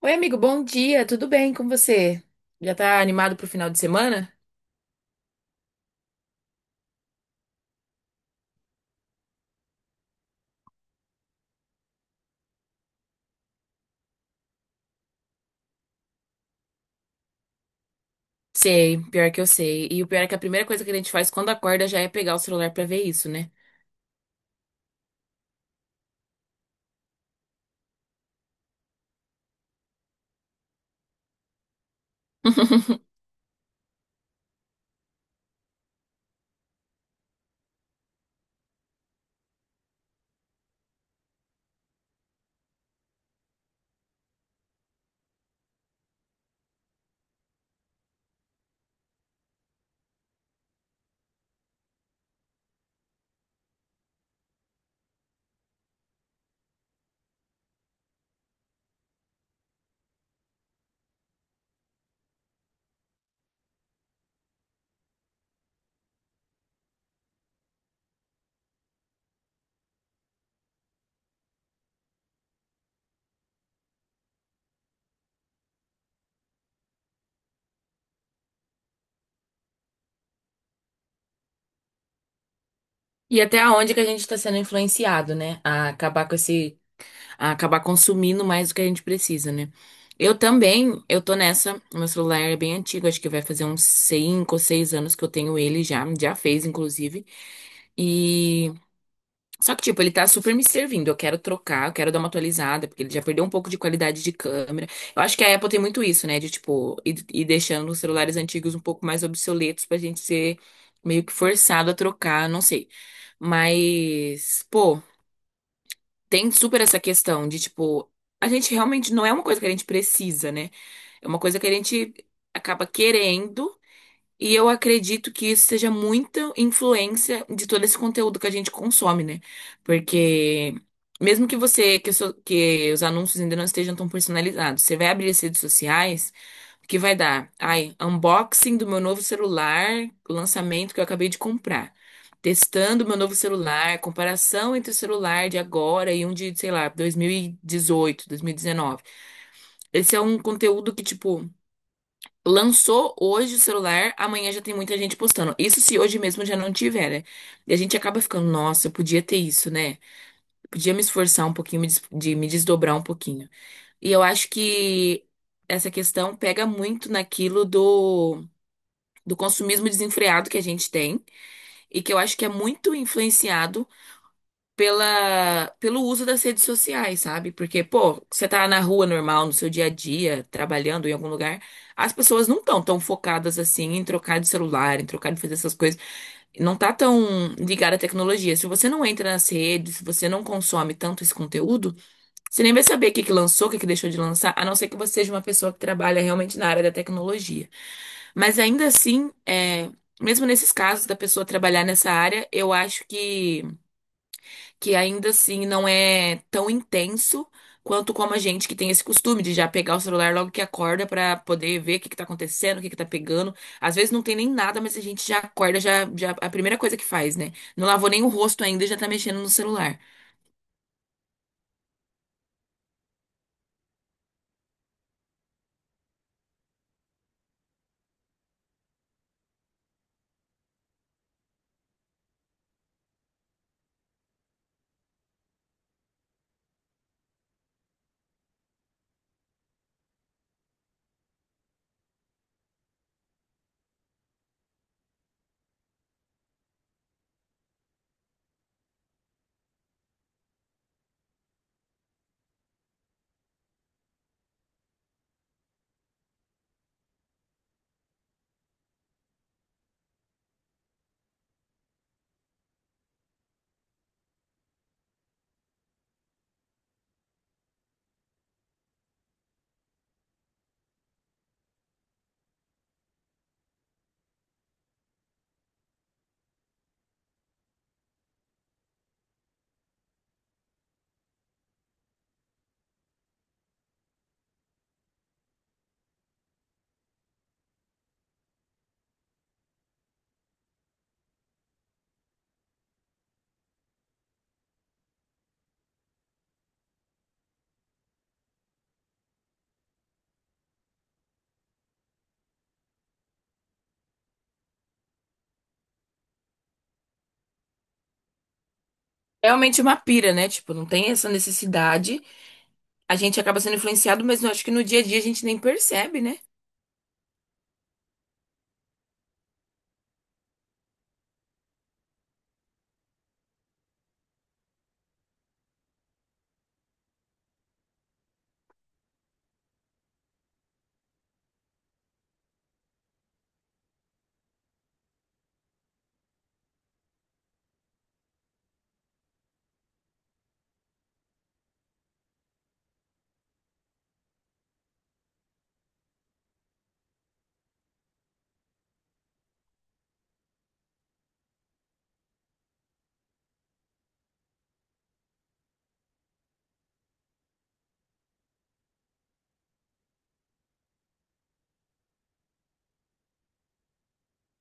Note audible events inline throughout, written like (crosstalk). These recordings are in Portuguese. Oi, amigo, bom dia, tudo bem com você? Já tá animado pro final de semana? Sei, pior que eu sei. E o pior é que a primeira coisa que a gente faz quando acorda já é pegar o celular pra ver isso, né? (laughs) E até aonde que a gente tá sendo influenciado, né? A acabar com a acabar consumindo mais do que a gente precisa, né? Eu também, eu tô nessa. O meu celular é bem antigo, acho que vai fazer uns 5, ou 6 anos que eu tenho ele já, já fez, inclusive. E Só que, tipo, ele tá super me servindo. Eu quero trocar, eu quero dar uma atualizada, porque ele já perdeu um pouco de qualidade de câmera. Eu acho que a Apple tem muito isso, né? De, tipo, ir deixando os celulares antigos um pouco mais obsoletos pra gente ser meio que forçado a trocar, não sei. Mas, pô, tem super essa questão de, tipo, a gente realmente não é uma coisa que a gente precisa, né? É uma coisa que a gente acaba querendo. E eu acredito que isso seja muita influência de todo esse conteúdo que a gente consome, né? Porque mesmo que que os anúncios ainda não estejam tão personalizados, você vai abrir as redes sociais, o que vai dar? Ai, unboxing do meu novo celular, lançamento que eu acabei de comprar. Testando meu novo celular, comparação entre o celular de agora e um de, sei lá, 2018, 2019. Esse é um conteúdo que, tipo, lançou hoje o celular, amanhã já tem muita gente postando. Isso se hoje mesmo já não tiver, né? E a gente acaba ficando, nossa, eu podia ter isso, né? Eu podia me esforçar um pouquinho, me desdobrar um pouquinho. E eu acho que essa questão pega muito naquilo do consumismo desenfreado que a gente tem e que eu acho que é muito influenciado pelo uso das redes sociais, sabe? Porque, pô, você tá na rua normal, no seu dia a dia, trabalhando em algum lugar, as pessoas não estão tão focadas assim em trocar de celular, em trocar de fazer essas coisas. Não tá tão ligada à tecnologia. Se você não entra nas redes, se você não consome tanto esse conteúdo, você nem vai saber o que que lançou, o que que deixou de lançar, a não ser que você seja uma pessoa que trabalha realmente na área da tecnologia. Mas ainda assim, mesmo nesses casos da pessoa trabalhar nessa área, eu acho que ainda assim não é tão intenso quanto como a gente que tem esse costume de já pegar o celular logo que acorda pra poder ver o que que tá acontecendo, o que que tá pegando. Às vezes não tem nem nada, mas a gente já acorda, já a primeira coisa que faz, né? Não lavou nem o rosto ainda e já tá mexendo no celular. É realmente uma pira, né? Tipo, não tem essa necessidade. A gente acaba sendo influenciado, mas eu acho que no dia a dia a gente nem percebe, né?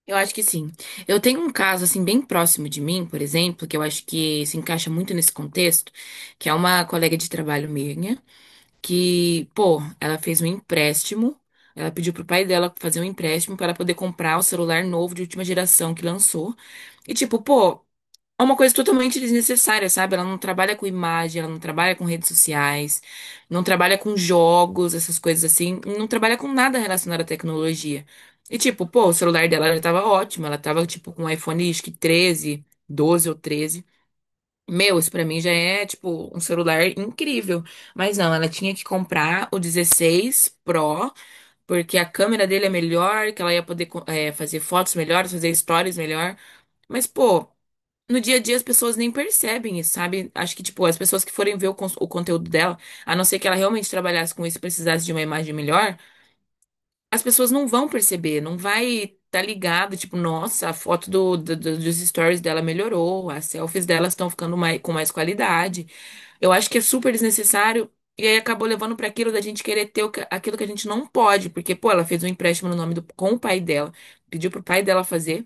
Eu acho que sim. Eu tenho um caso assim bem próximo de mim, por exemplo, que eu acho que se encaixa muito nesse contexto, que é uma colega de trabalho minha, que, pô, ela fez um empréstimo, ela pediu pro pai dela fazer um empréstimo para ela poder comprar o celular novo de última geração que lançou. E tipo, pô, é uma coisa totalmente desnecessária, sabe? Ela não trabalha com imagem, ela não trabalha com redes sociais, não trabalha com jogos, essas coisas assim, não trabalha com nada relacionado à tecnologia. E tipo, pô, o celular dela já tava ótimo, ela tava tipo com um iPhone, 12 ou 13. Meu, isso pra mim já é tipo um celular incrível. Mas não, ela tinha que comprar o 16 Pro, porque a câmera dele é melhor, que ela ia poder co- eh, fazer fotos melhores, fazer stories melhor. Mas, pô, no dia a dia as pessoas nem percebem isso, sabe? Acho que, tipo, as pessoas que forem ver o conteúdo dela, a não ser que ela realmente trabalhasse com isso e precisasse de uma imagem melhor, as pessoas não vão perceber, não vai tá ligado, tipo, nossa, a foto dos stories dela melhorou, as selfies delas estão ficando com mais qualidade. Eu acho que é super desnecessário e aí acabou levando pra aquilo da gente querer ter aquilo que a gente não pode, porque, pô, ela fez um empréstimo no nome do, com o pai dela, pediu pro pai dela fazer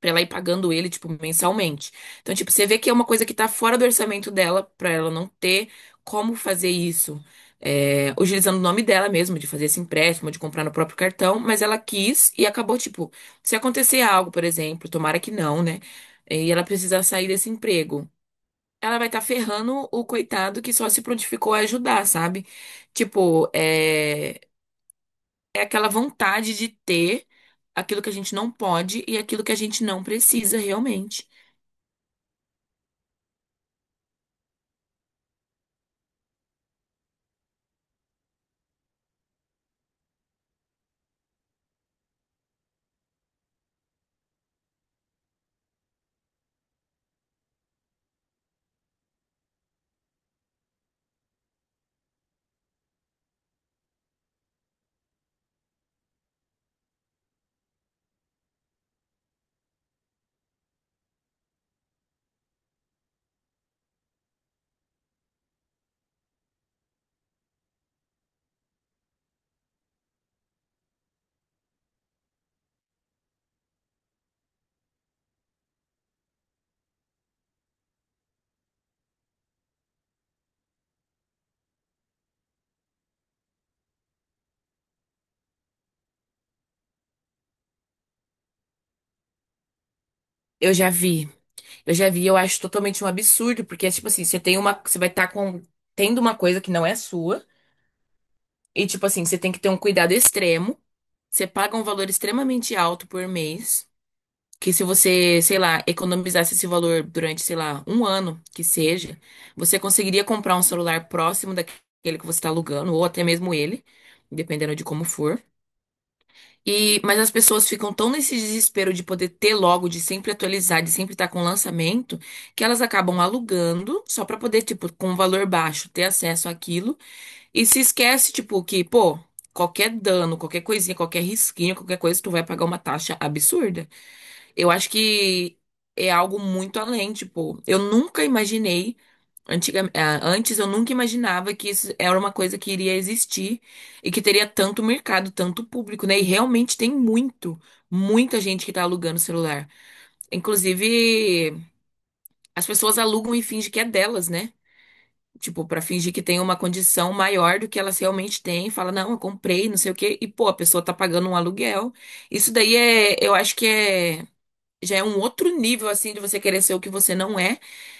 pra ela ir pagando ele, tipo, mensalmente. Então, tipo, você vê que é uma coisa que tá fora do orçamento dela, pra ela não ter como fazer isso, utilizando o nome dela mesmo, de fazer esse empréstimo, de comprar no próprio cartão, mas ela quis e acabou, tipo, se acontecer algo, por exemplo, tomara que não, né? E ela precisar sair desse emprego. Ela vai estar ferrando o coitado que só se prontificou a ajudar, sabe? Tipo, é aquela vontade de ter aquilo que a gente não pode e aquilo que a gente não precisa realmente. Eu já vi. Eu já vi, eu acho totalmente um absurdo, porque é tipo assim, você vai estar com tendo uma coisa que não é sua, e tipo assim, você tem que ter um cuidado extremo. Você paga um valor extremamente alto por mês, que se você, sei lá, economizasse esse valor durante, sei lá, um ano que seja, você conseguiria comprar um celular próximo daquele que você está alugando, ou até mesmo ele, dependendo de como for. E, mas as pessoas ficam tão nesse desespero de poder ter logo, de sempre atualizar, de sempre estar com lançamento, que elas acabam alugando só pra poder, tipo, com um valor baixo, ter acesso àquilo e se esquece, tipo, que, pô, qualquer dano, qualquer coisinha, qualquer risquinho, qualquer coisa, tu vai pagar uma taxa absurda. Eu acho que é algo muito além, tipo, eu nunca imaginei, antes eu nunca imaginava que isso era uma coisa que iria existir e que teria tanto mercado, tanto público, né? E realmente tem muito, muita gente que tá alugando celular. Inclusive, as pessoas alugam e fingem que é delas, né? Tipo, pra fingir que tem uma condição maior do que elas realmente têm, fala, não, eu comprei, não sei o quê, e pô, a pessoa tá pagando um aluguel. Isso daí é, eu acho que já é um outro nível, assim, de você querer ser o que você não é.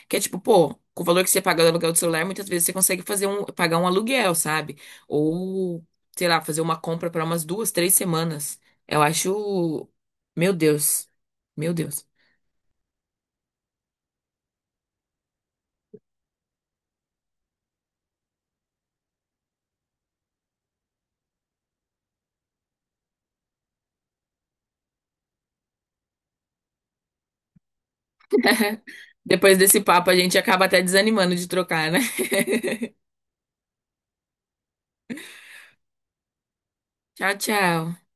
Que é tipo, pô, com o valor que você paga do aluguel do celular, muitas vezes você consegue pagar um aluguel, sabe? Ou, sei lá, fazer uma compra para umas duas, três semanas. Eu acho. Meu Deus. Meu Deus. Depois desse papo, a gente acaba até desanimando de trocar, né? (laughs) Tchau, tchau.